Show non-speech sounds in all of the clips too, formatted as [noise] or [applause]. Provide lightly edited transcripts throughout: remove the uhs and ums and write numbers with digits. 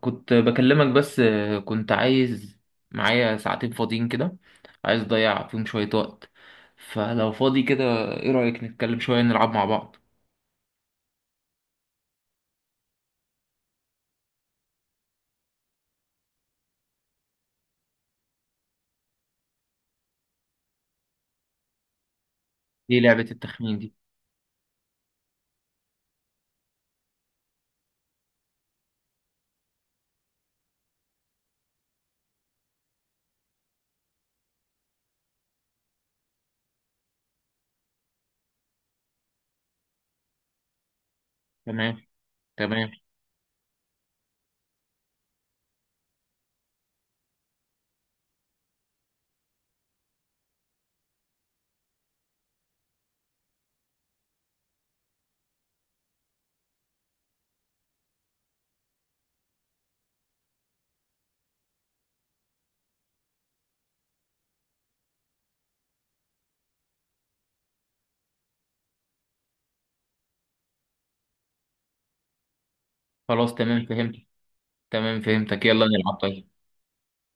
كنت بكلمك بس كنت عايز معايا ساعتين فاضيين كده. عايز اضيع فيهم شوية وقت، فلو فاضي كده، ايه رأيك نتكلم شوية نلعب مع بعض؟ ايه لعبة التخمين دي؟ تمام. تمام. خلاص تمام فهمت. تمام فهمتك، يلا نلعب طيب.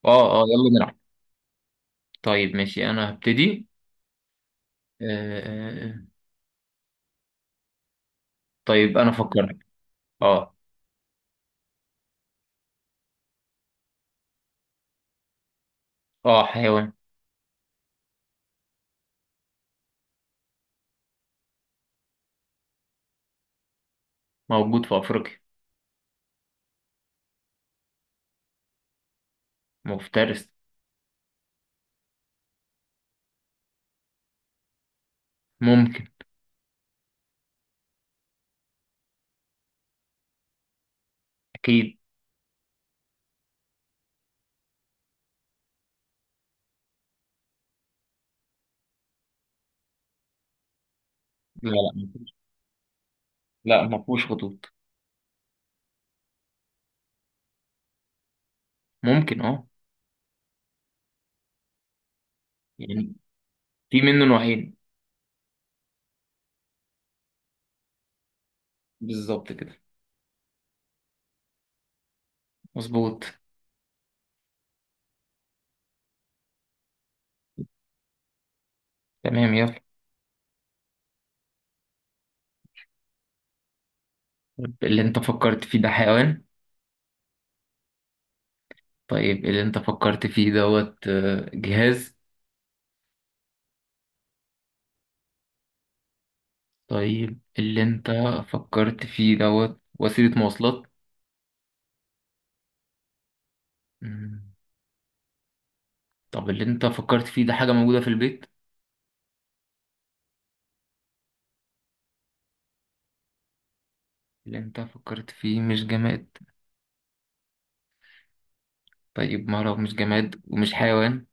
اه اه يلا نلعب. طيب ماشي انا هبتدي. آه آه، آه. طيب انا فكرت. اه. اه حيوان. موجود في افريقيا. مفترس. ممكن. اكيد. لا لا مفهوش- لا ما فيهوش خطوط. ممكن اه. يعني في منه نوعين. بالظبط كده. مظبوط. تمام يلا. طيب، اللي انت فكرت فيه ده حيوان؟ طيب اللي انت فكرت فيه دوت جهاز؟ طيب اللي انت فكرت فيه دوت وسيلة مواصلات؟ مم. طب اللي انت فكرت فيه ده حاجة موجودة في البيت؟ اللي انت فكرت فيه مش جماد. طيب ما لو مش جماد ومش حيوان،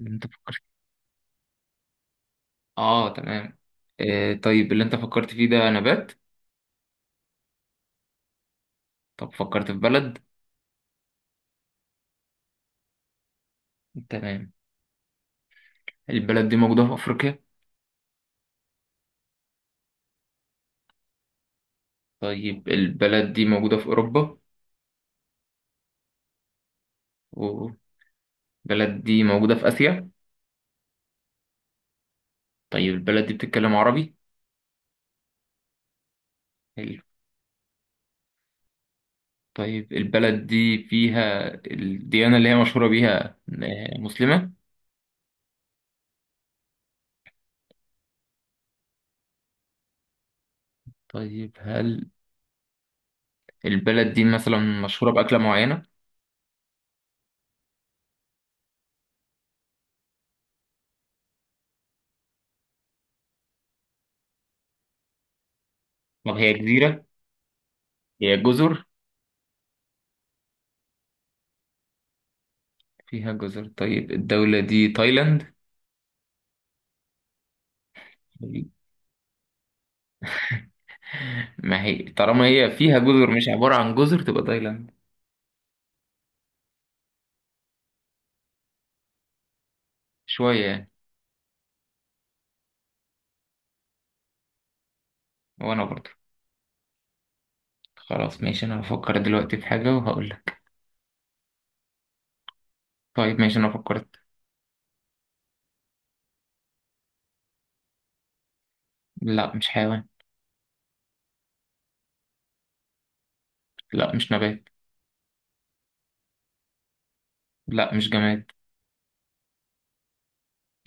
اللي انت فكرت. اه تمام. آه طيب اللي انت فكرت فيه ده نبات؟ طب فكرت في بلد؟ تمام. البلد دي موجودة في أفريقيا؟ طيب البلد دي موجودة في أوروبا؟ والبلد دي موجودة في آسيا. طيب البلد دي بتتكلم عربي؟ حلو. طيب البلد دي فيها الديانة اللي هي مشهورة بيها مسلمة؟ طيب هل البلد دي مثلا مشهورة بأكلة معينة؟ طب هي جزيرة؟ هي جزر؟ فيها جزر. طيب الدولة دي تايلاند؟ طيب، ما هي طالما هي فيها جزر مش عبارة عن جزر تبقى تايلاند. شوية يعني. وأنا برضه. خلاص ماشي أنا هفكر دلوقتي في حاجة وهقول لك. طيب ماشي انا فكرت. لا مش حيوان. لا مش نبات. لا مش جماد.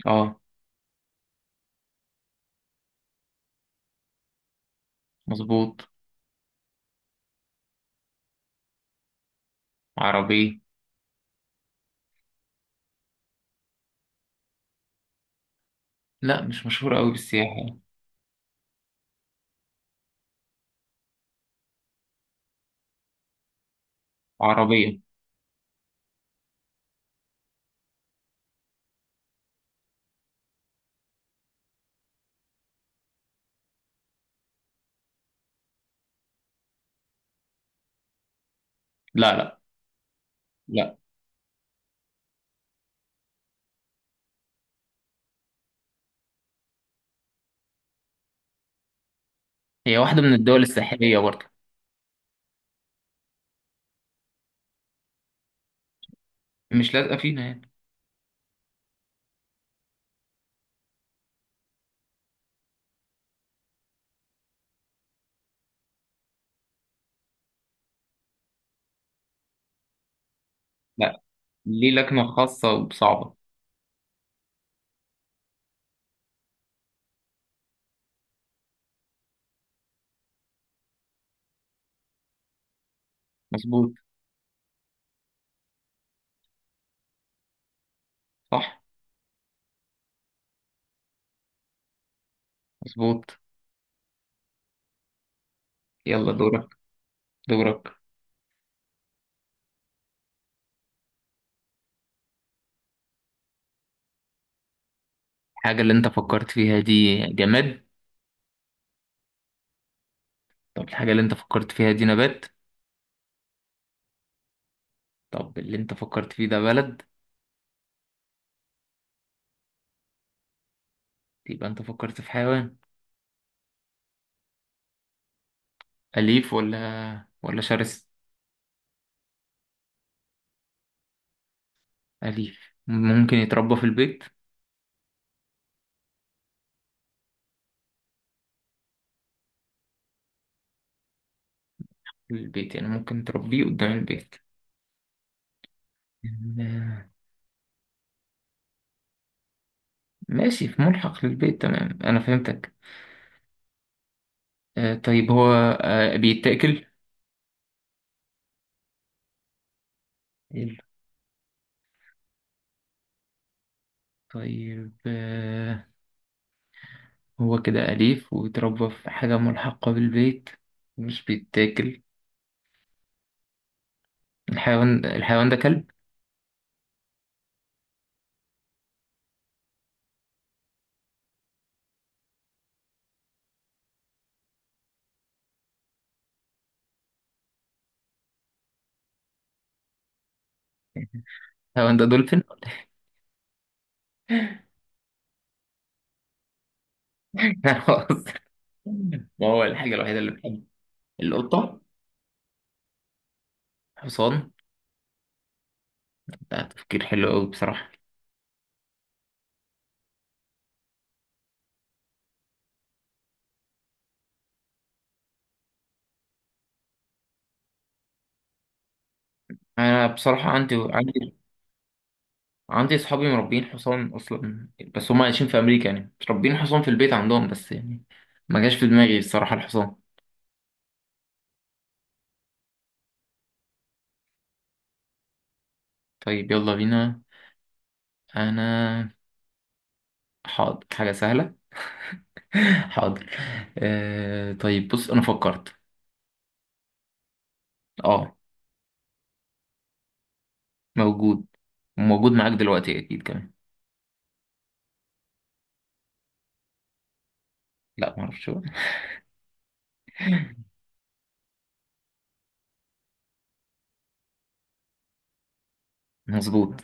اه. مظبوط. عربية. لا مش مشهورة قوي بالسياحة يعني. عربية. لا. لا هي واحدة من الدول الساحلية برضه. مش لازقة فينا يعني. لا، ليه لكنة خاصة وصعبة. مظبوط. صح. مظبوط. يلا دورك. دورك. الحاجة اللي انت فكرت فيها دي جماد؟ طب الحاجة اللي انت فكرت فيها دي نبات؟ طب اللي انت فكرت فيه ده بلد؟ يبقى انت فكرت في حيوان. أليف ولا ولا شرس؟ أليف ممكن يتربى في البيت؟ البيت يعني ممكن تربيه قدام البيت؟ آه، ماشي في ملحق للبيت تمام أنا فهمتك. طيب هو بيتاكل؟ حلو. طيب هو كده أليف ويتربى في حاجة ملحقة بالبيت مش بيتاكل. الحيوان ده كلب؟ الحيوان ده دولفين؟ [laughs] خلاص. ما هو الحاجة الوحيدة اللي بحبها القطة. حصان؟ ده تفكير حلو أوي بصراحة. أنا بصراحة عندي عندي صحابي مربين حصان اصلا، بس هم عايشين في امريكا يعني مش ربين حصان في البيت عندهم بس يعني. ما جاش في دماغي الصراحه الحصان. طيب يلا بينا. انا حاضر حاجه سهله. [laughs] حاضر. آه طيب بص انا فكرت. اه. موجود. موجود معاك دلوقتي اكيد كمان. لا ما اعرفش بقى. [laughs] مظبوط.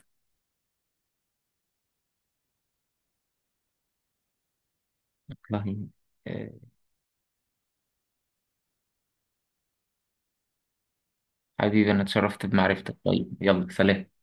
والله. آه، حبيبي انا اتشرفت بمعرفتك، طيب يلا سلام.